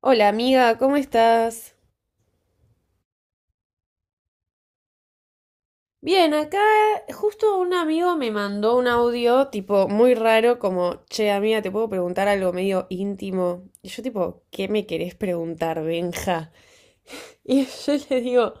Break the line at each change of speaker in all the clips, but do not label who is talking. Hola amiga, ¿cómo estás? Bien, acá justo un amigo me mandó un audio tipo muy raro como, che amiga, te puedo preguntar algo medio íntimo. Y yo tipo, ¿qué me querés preguntar, Benja? Y yo le digo,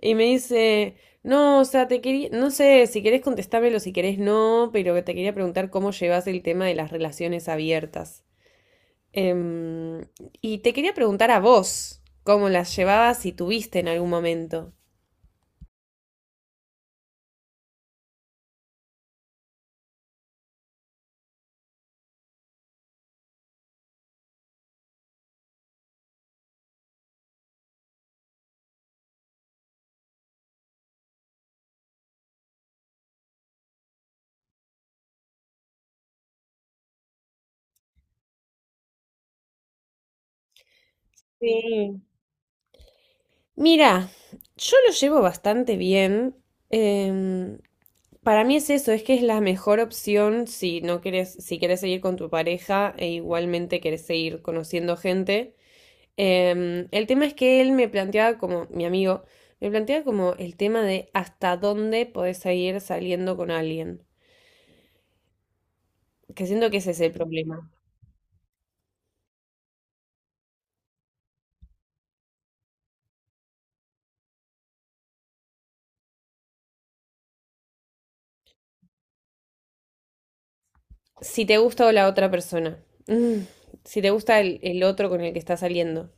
y me dice, no, o sea, te quería, no sé, si querés contestármelo, si querés no, pero te quería preguntar cómo llevas el tema de las relaciones abiertas. Em, y te quería preguntar a vos cómo las llevabas si tuviste en algún momento. Sí. Mira, yo lo llevo bastante bien. em, para mí es eso, es que es la mejor opción si no querés, si querés seguir con tu pareja e igualmente querés seguir conociendo gente. El tema es que él me planteaba como, mi amigo, me planteaba como el tema de hasta dónde podés seguir saliendo con alguien. Que siento que ese es el problema. Si te gusta o la otra persona. Mm, si te gusta el otro con el que estás saliendo.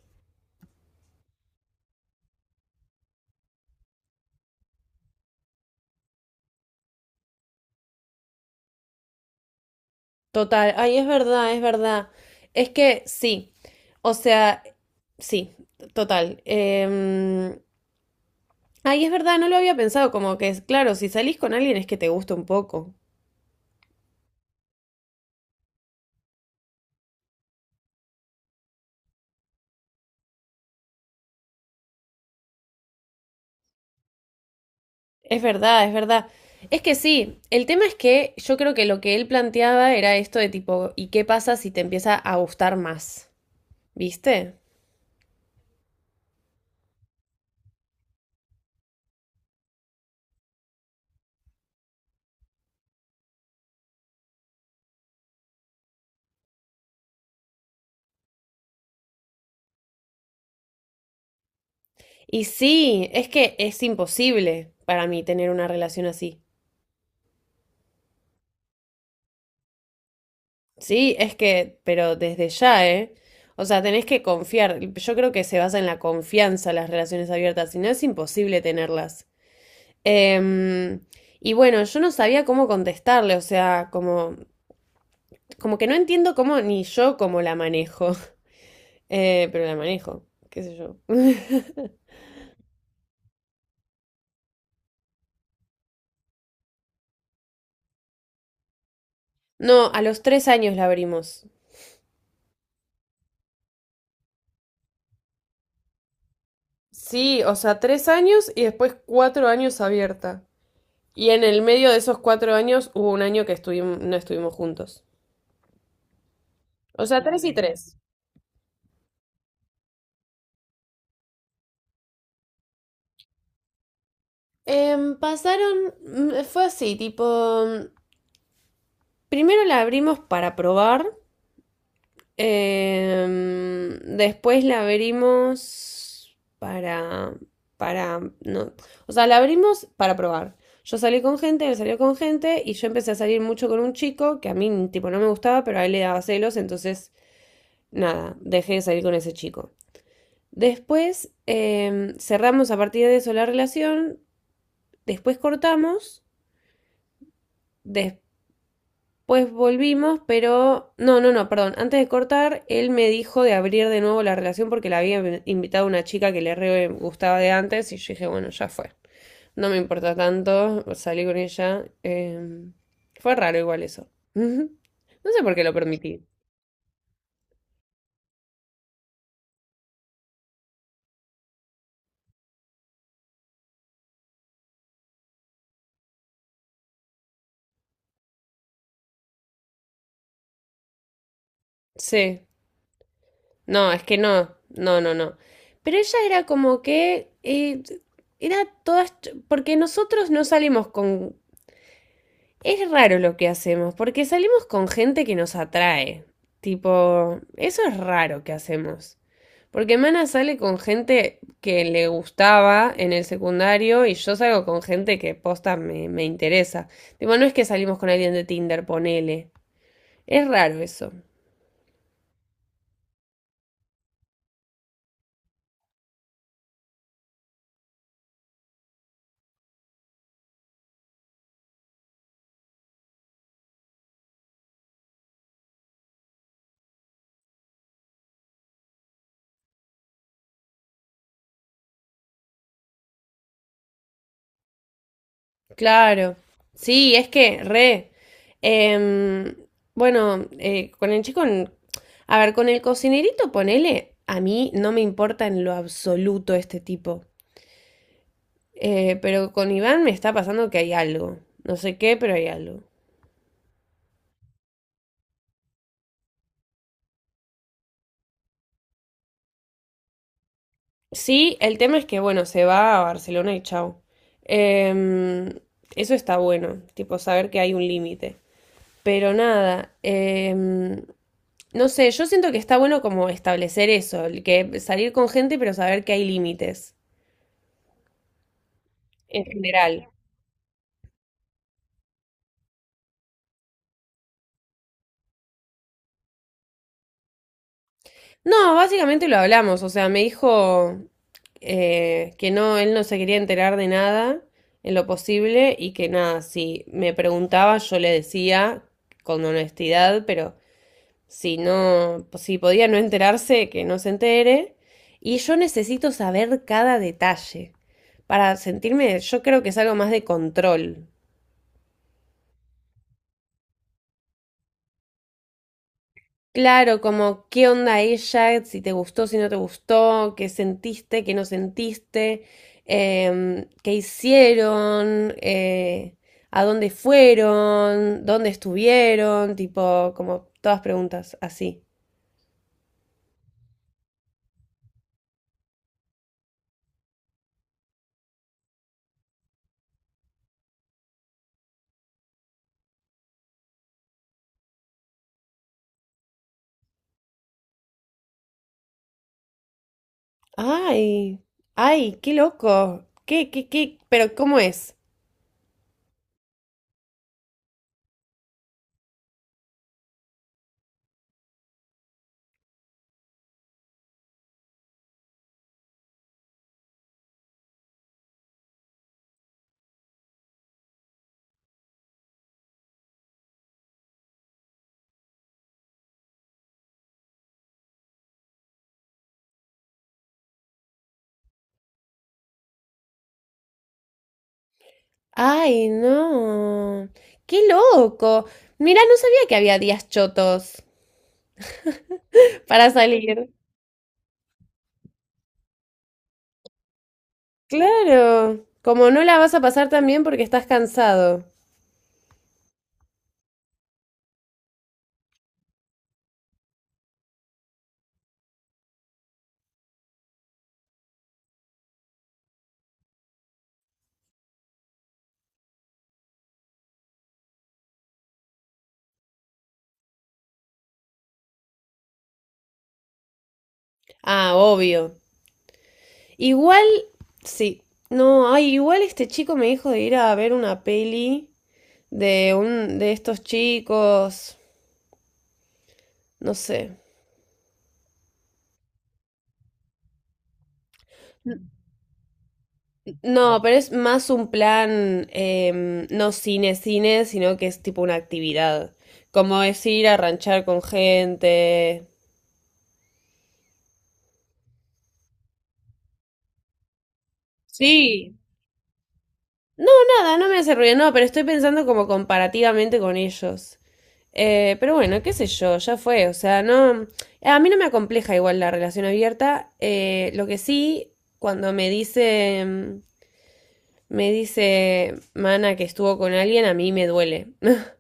Total, ay, es verdad, es verdad. Es que sí, o sea, sí, total. Ay, es verdad, no lo había pensado, como que es claro, si salís con alguien es que te gusta un poco. Es verdad, es verdad. Es que sí, el tema es que yo creo que lo que él planteaba era esto de tipo, ¿y qué pasa si te empieza a gustar más? ¿Viste? Y sí, es que es imposible para mí tener una relación así. Sí, es que, pero desde ya, ¿eh? O sea, tenés que confiar. Yo creo que se basa en la confianza las relaciones abiertas, si no es imposible tenerlas. Em, y bueno, yo no sabía cómo contestarle, o sea, como, como que no entiendo cómo ni yo cómo la manejo. Pero la manejo, qué sé yo. No, a los tres años la abrimos. Sí, o sea, tres años y después cuatro años abierta. Y en el medio de esos cuatro años hubo un año que estuvimos, no estuvimos juntos. O sea, tres y tres. Fue así, tipo, primero la abrimos para probar, después la abrimos para, no, o sea, la abrimos para probar. Yo salí con gente, él salió con gente y yo empecé a salir mucho con un chico que a mí, tipo, no me gustaba, pero a él le daba celos, entonces, nada, dejé de salir con ese chico. Después, cerramos a partir de eso la relación, después cortamos. Des- Pues volvimos, pero… No, no, no, perdón. Antes de cortar, él me dijo de abrir de nuevo la relación porque la había invitado una chica que le re gustaba de antes y yo dije, bueno, ya fue. No me importa tanto, salí con ella. Fue raro igual eso. No sé por qué lo permití. Sí. No, es que no. No, no, no. Pero ella era como que… era Porque nosotros no salimos con… Es raro lo que hacemos, porque salimos con gente que nos atrae. Tipo, eso es raro que hacemos. Porque Mana sale con gente que le gustaba en el secundario y yo salgo con gente que posta me interesa. Tipo, no es que salimos con alguien de Tinder, ponele. Es raro eso. Claro. Sí, es que, re. Em, bueno, con el chico, a ver, con el cocinerito, ponele, a mí no me importa en lo absoluto este tipo. Pero con Iván me está pasando que hay algo. No sé qué, pero hay algo. Sí, el tema es que, bueno, se va a Barcelona y chao. Em, Eso está bueno, tipo saber que hay un límite. Pero nada, no sé, yo siento que está bueno como establecer eso, el que salir con gente, pero saber que hay límites en general. No, básicamente lo hablamos, o sea, me dijo que no, él no se quería enterar de nada en lo posible y que nada, si me preguntaba yo le decía con honestidad, pero si no, si podía no enterarse, que no se entere. Y yo necesito saber cada detalle para sentirme, yo creo que es algo más de control. Claro, como qué onda ella, si te gustó, si no te gustó, qué sentiste, qué no sentiste, qué hicieron, a dónde fueron, dónde estuvieron, tipo, como todas preguntas así. Ay, ay, qué loco, qué, qué, qué, pero ¿cómo es? Ay, no, qué loco. Mira, no sabía que había días chotos para salir. Claro, como no la vas a pasar tan bien porque estás cansado. Ah, obvio. Igual, sí. No, ay, igual este chico me dijo de ir a ver una peli de un de estos chicos, no sé. No, pero es más un plan, no cine cine, sino que es tipo una actividad. Como es ir a ranchar con gente. Sí, no, nada, no me hace ruido, no, pero estoy pensando como comparativamente con ellos. Pero bueno, qué sé yo, ya fue. O sea, no. A mí no me acompleja igual la relación abierta. Lo que sí, cuando me dice, me dice Mana que estuvo con alguien, a mí me duele.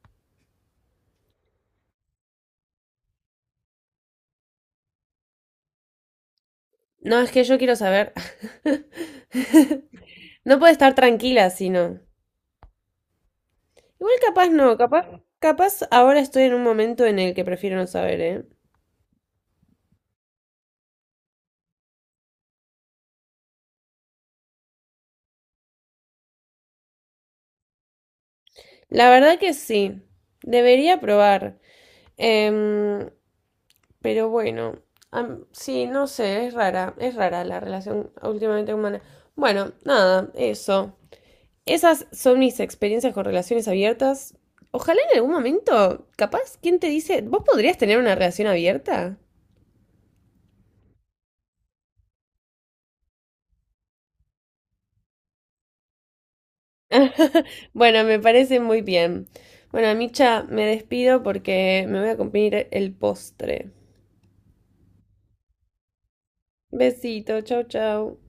No, es que yo quiero saber. No puede estar tranquila, sino. Igual capaz no, capaz ahora estoy en un momento en el que prefiero no saber, ¿eh? La verdad que sí. Debería probar. Em, Pero bueno, sí, no sé, es rara la relación últimamente humana. Bueno, nada, eso. Esas son mis experiencias con relaciones abiertas. Ojalá en algún momento, capaz, ¿quién te dice? ¿Vos podrías tener una relación abierta? Bueno, me parece muy bien. Bueno, Micha, me despido porque me voy a cumplir el postre. Besito, chau, chau.